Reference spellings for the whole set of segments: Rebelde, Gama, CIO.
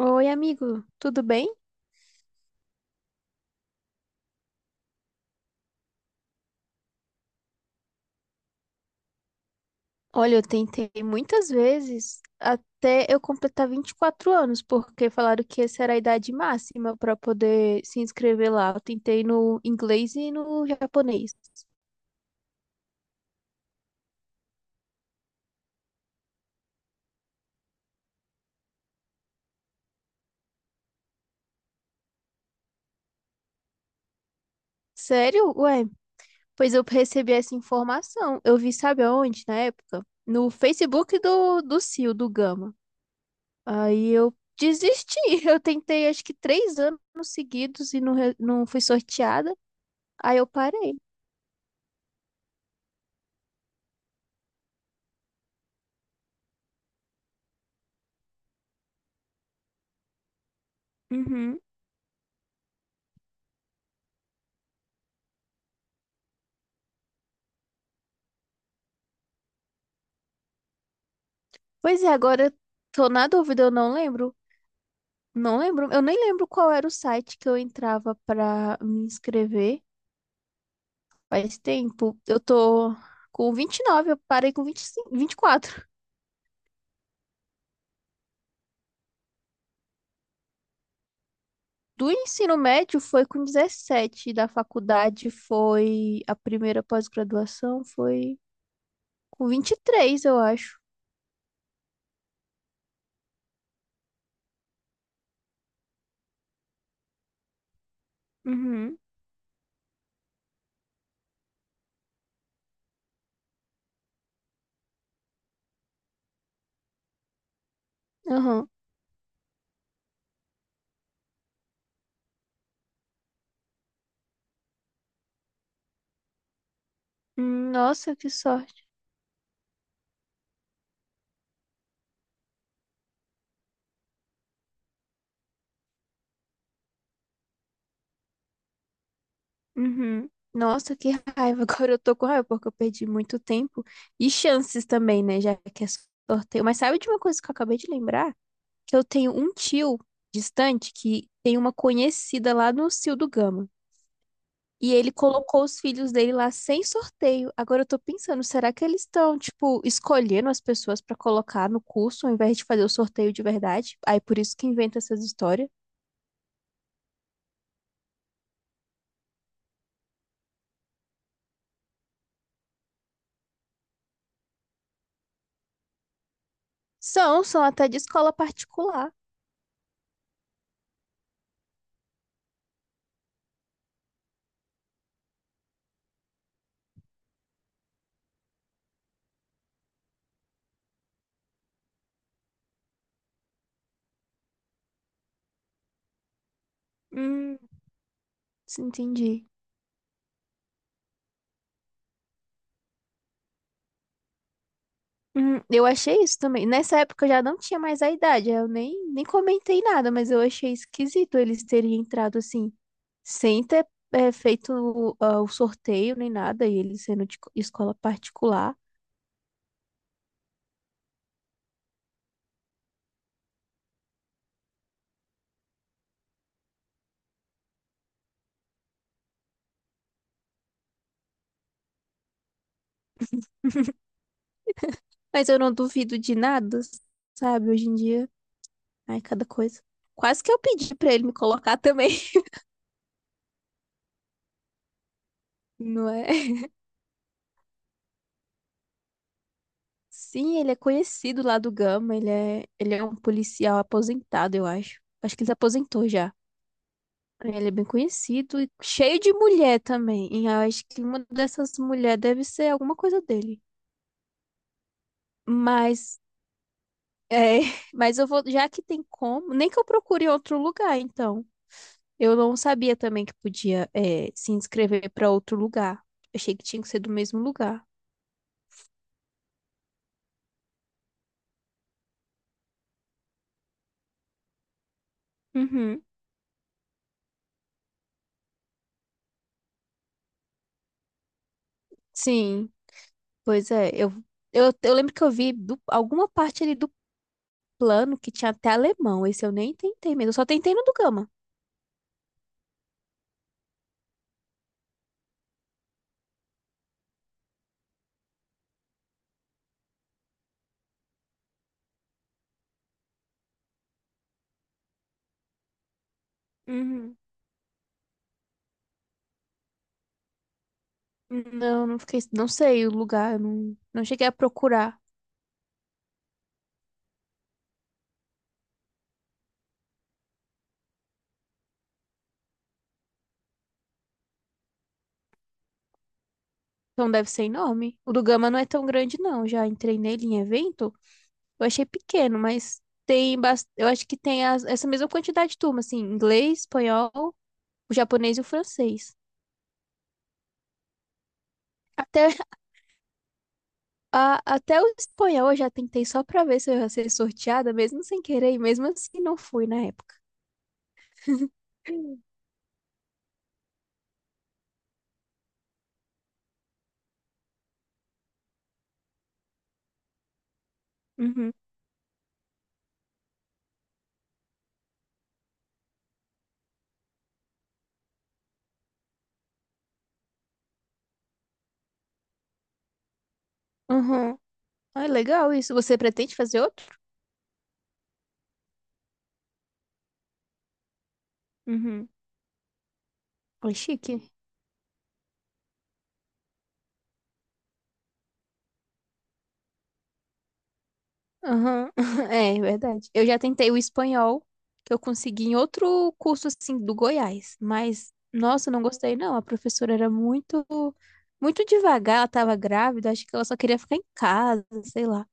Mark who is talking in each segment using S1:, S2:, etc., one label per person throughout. S1: Oi, amigo, tudo bem? Olha, eu tentei muitas vezes até eu completar 24 anos, porque falaram que essa era a idade máxima para poder se inscrever lá. Eu tentei no inglês e no japonês. Sério? Ué, pois eu recebi essa informação. Eu vi, sabe aonde, na época? No Facebook do CIO, do Gama. Aí eu desisti. Eu tentei acho que 3 anos seguidos e não fui sorteada. Aí eu parei. Uhum. Pois é, agora eu tô na dúvida, eu não lembro. Não lembro, eu nem lembro qual era o site que eu entrava pra me inscrever. Faz tempo. Eu tô com 29, eu parei com 25, 24. Do ensino médio foi com 17, da faculdade foi, a primeira pós-graduação foi com 23, eu acho. Uhum, aham. Nossa, que sorte. Uhum. Nossa, que raiva. Agora eu tô com raiva porque eu perdi muito tempo e chances também, né? Já que é sorteio. Mas sabe de uma coisa que eu acabei de lembrar? Que eu tenho um tio distante que tem uma conhecida lá no CIO do Gama. E ele colocou os filhos dele lá sem sorteio. Agora eu tô pensando, será que eles estão, tipo, escolhendo as pessoas pra colocar no curso ao invés de fazer o sorteio de verdade? Aí por isso que inventa essas histórias. São, são até de escola particular. Hum, entendi. Eu achei isso também. Nessa época eu já não tinha mais a idade, eu nem comentei nada, mas eu achei esquisito eles terem entrado assim, sem ter feito o sorteio nem nada, e eles sendo de escola particular. Mas eu não duvido de nada, sabe? Hoje em dia, ai, cada coisa. Quase que eu pedi pra ele me colocar também, não é? Sim, ele é conhecido lá do Gama, ele é um policial aposentado, eu acho. Acho que ele se aposentou já. Ele é bem conhecido e cheio de mulher também. E eu acho que uma dessas mulheres deve ser alguma coisa dele. Mas, é, mas eu vou, já que tem como, nem que eu procure em outro lugar, então. Eu não sabia também que podia, se inscrever para outro lugar. Achei que tinha que ser do mesmo lugar. Uhum. Sim, pois é. Eu lembro que eu vi alguma parte ali do plano que tinha até alemão. Esse eu nem tentei mesmo. Eu só tentei no do Gama. Não, não fiquei, não sei o lugar, eu não, não cheguei a procurar. Então deve ser enorme. O do Gama não é tão grande, não. Já entrei nele em evento, eu achei pequeno, mas tem eu acho que tem essa mesma quantidade de turma, assim, inglês, espanhol, o japonês e o francês. Até, até o espanhol eu já tentei só pra ver se eu ia ser sorteada, mesmo sem querer, e mesmo assim não fui na época. Uhum. Uhum. Ah, legal isso. Você pretende fazer outro? Uhum. É chique. Aham, é, é verdade. Eu já tentei o espanhol, que eu consegui em outro curso, assim, do Goiás. Mas, nossa, eu não gostei, não. A professora era muito, muito devagar, ela tava grávida, acho que ela só queria ficar em casa, sei lá.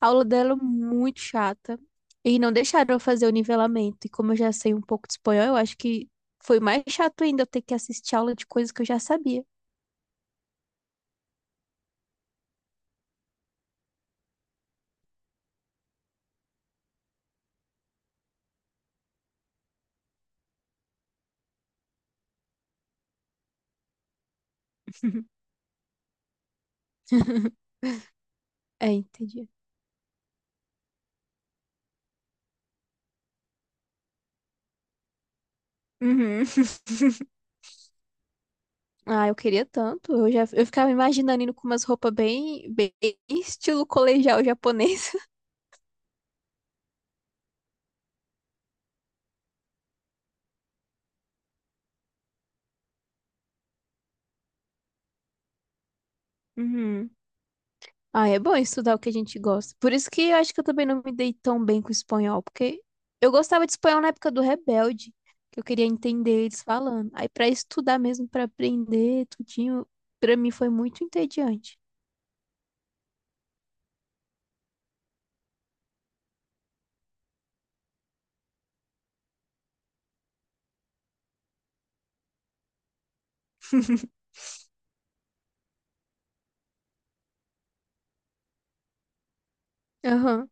S1: A aula dela é muito chata. E não deixaram eu fazer o nivelamento. E como eu já sei um pouco de espanhol, eu acho que foi mais chato ainda eu ter que assistir aula de coisas que eu já sabia. É, entendi. Uhum. Ah, eu queria tanto. Eu ficava imaginando indo com umas roupas bem, bem estilo colegial japonês. Uhum. Ah, é bom estudar o que a gente gosta. Por isso que eu acho que eu também não me dei tão bem com espanhol, porque eu gostava de espanhol na época do Rebelde, que eu queria entender eles falando. Aí pra estudar mesmo, pra aprender tudinho, pra mim foi muito entediante. Aham.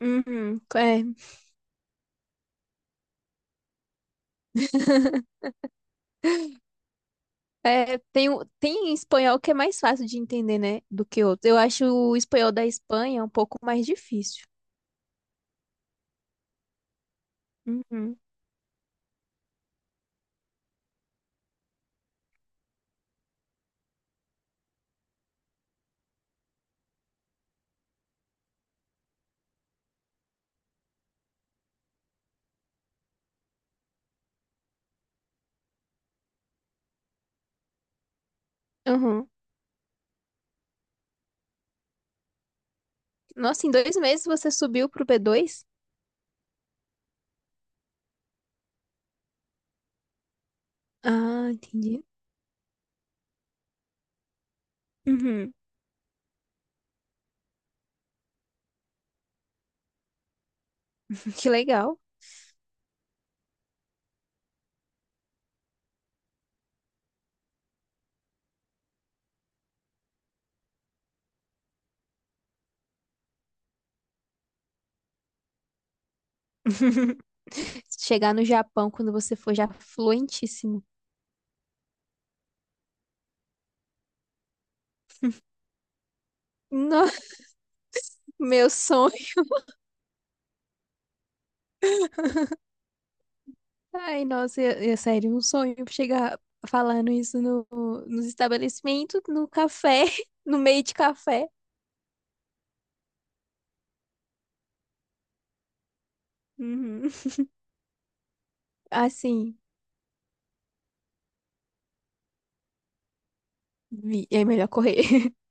S1: Uhum. É. É, tem espanhol que é mais fácil de entender, né, do que outro. Eu acho o espanhol da Espanha um pouco mais difícil. Uhum. Uhum. Nossa, em 2 meses você subiu pro B2. Ah, entendi. Uhum. Que legal. Chegar no Japão quando você for já fluentíssimo. No- Meu sonho. Ai, nossa, é sério, um sonho chegar falando isso nos estabelecimentos, no café, no meio de café. Uhum. Assim. Vi, é melhor correr.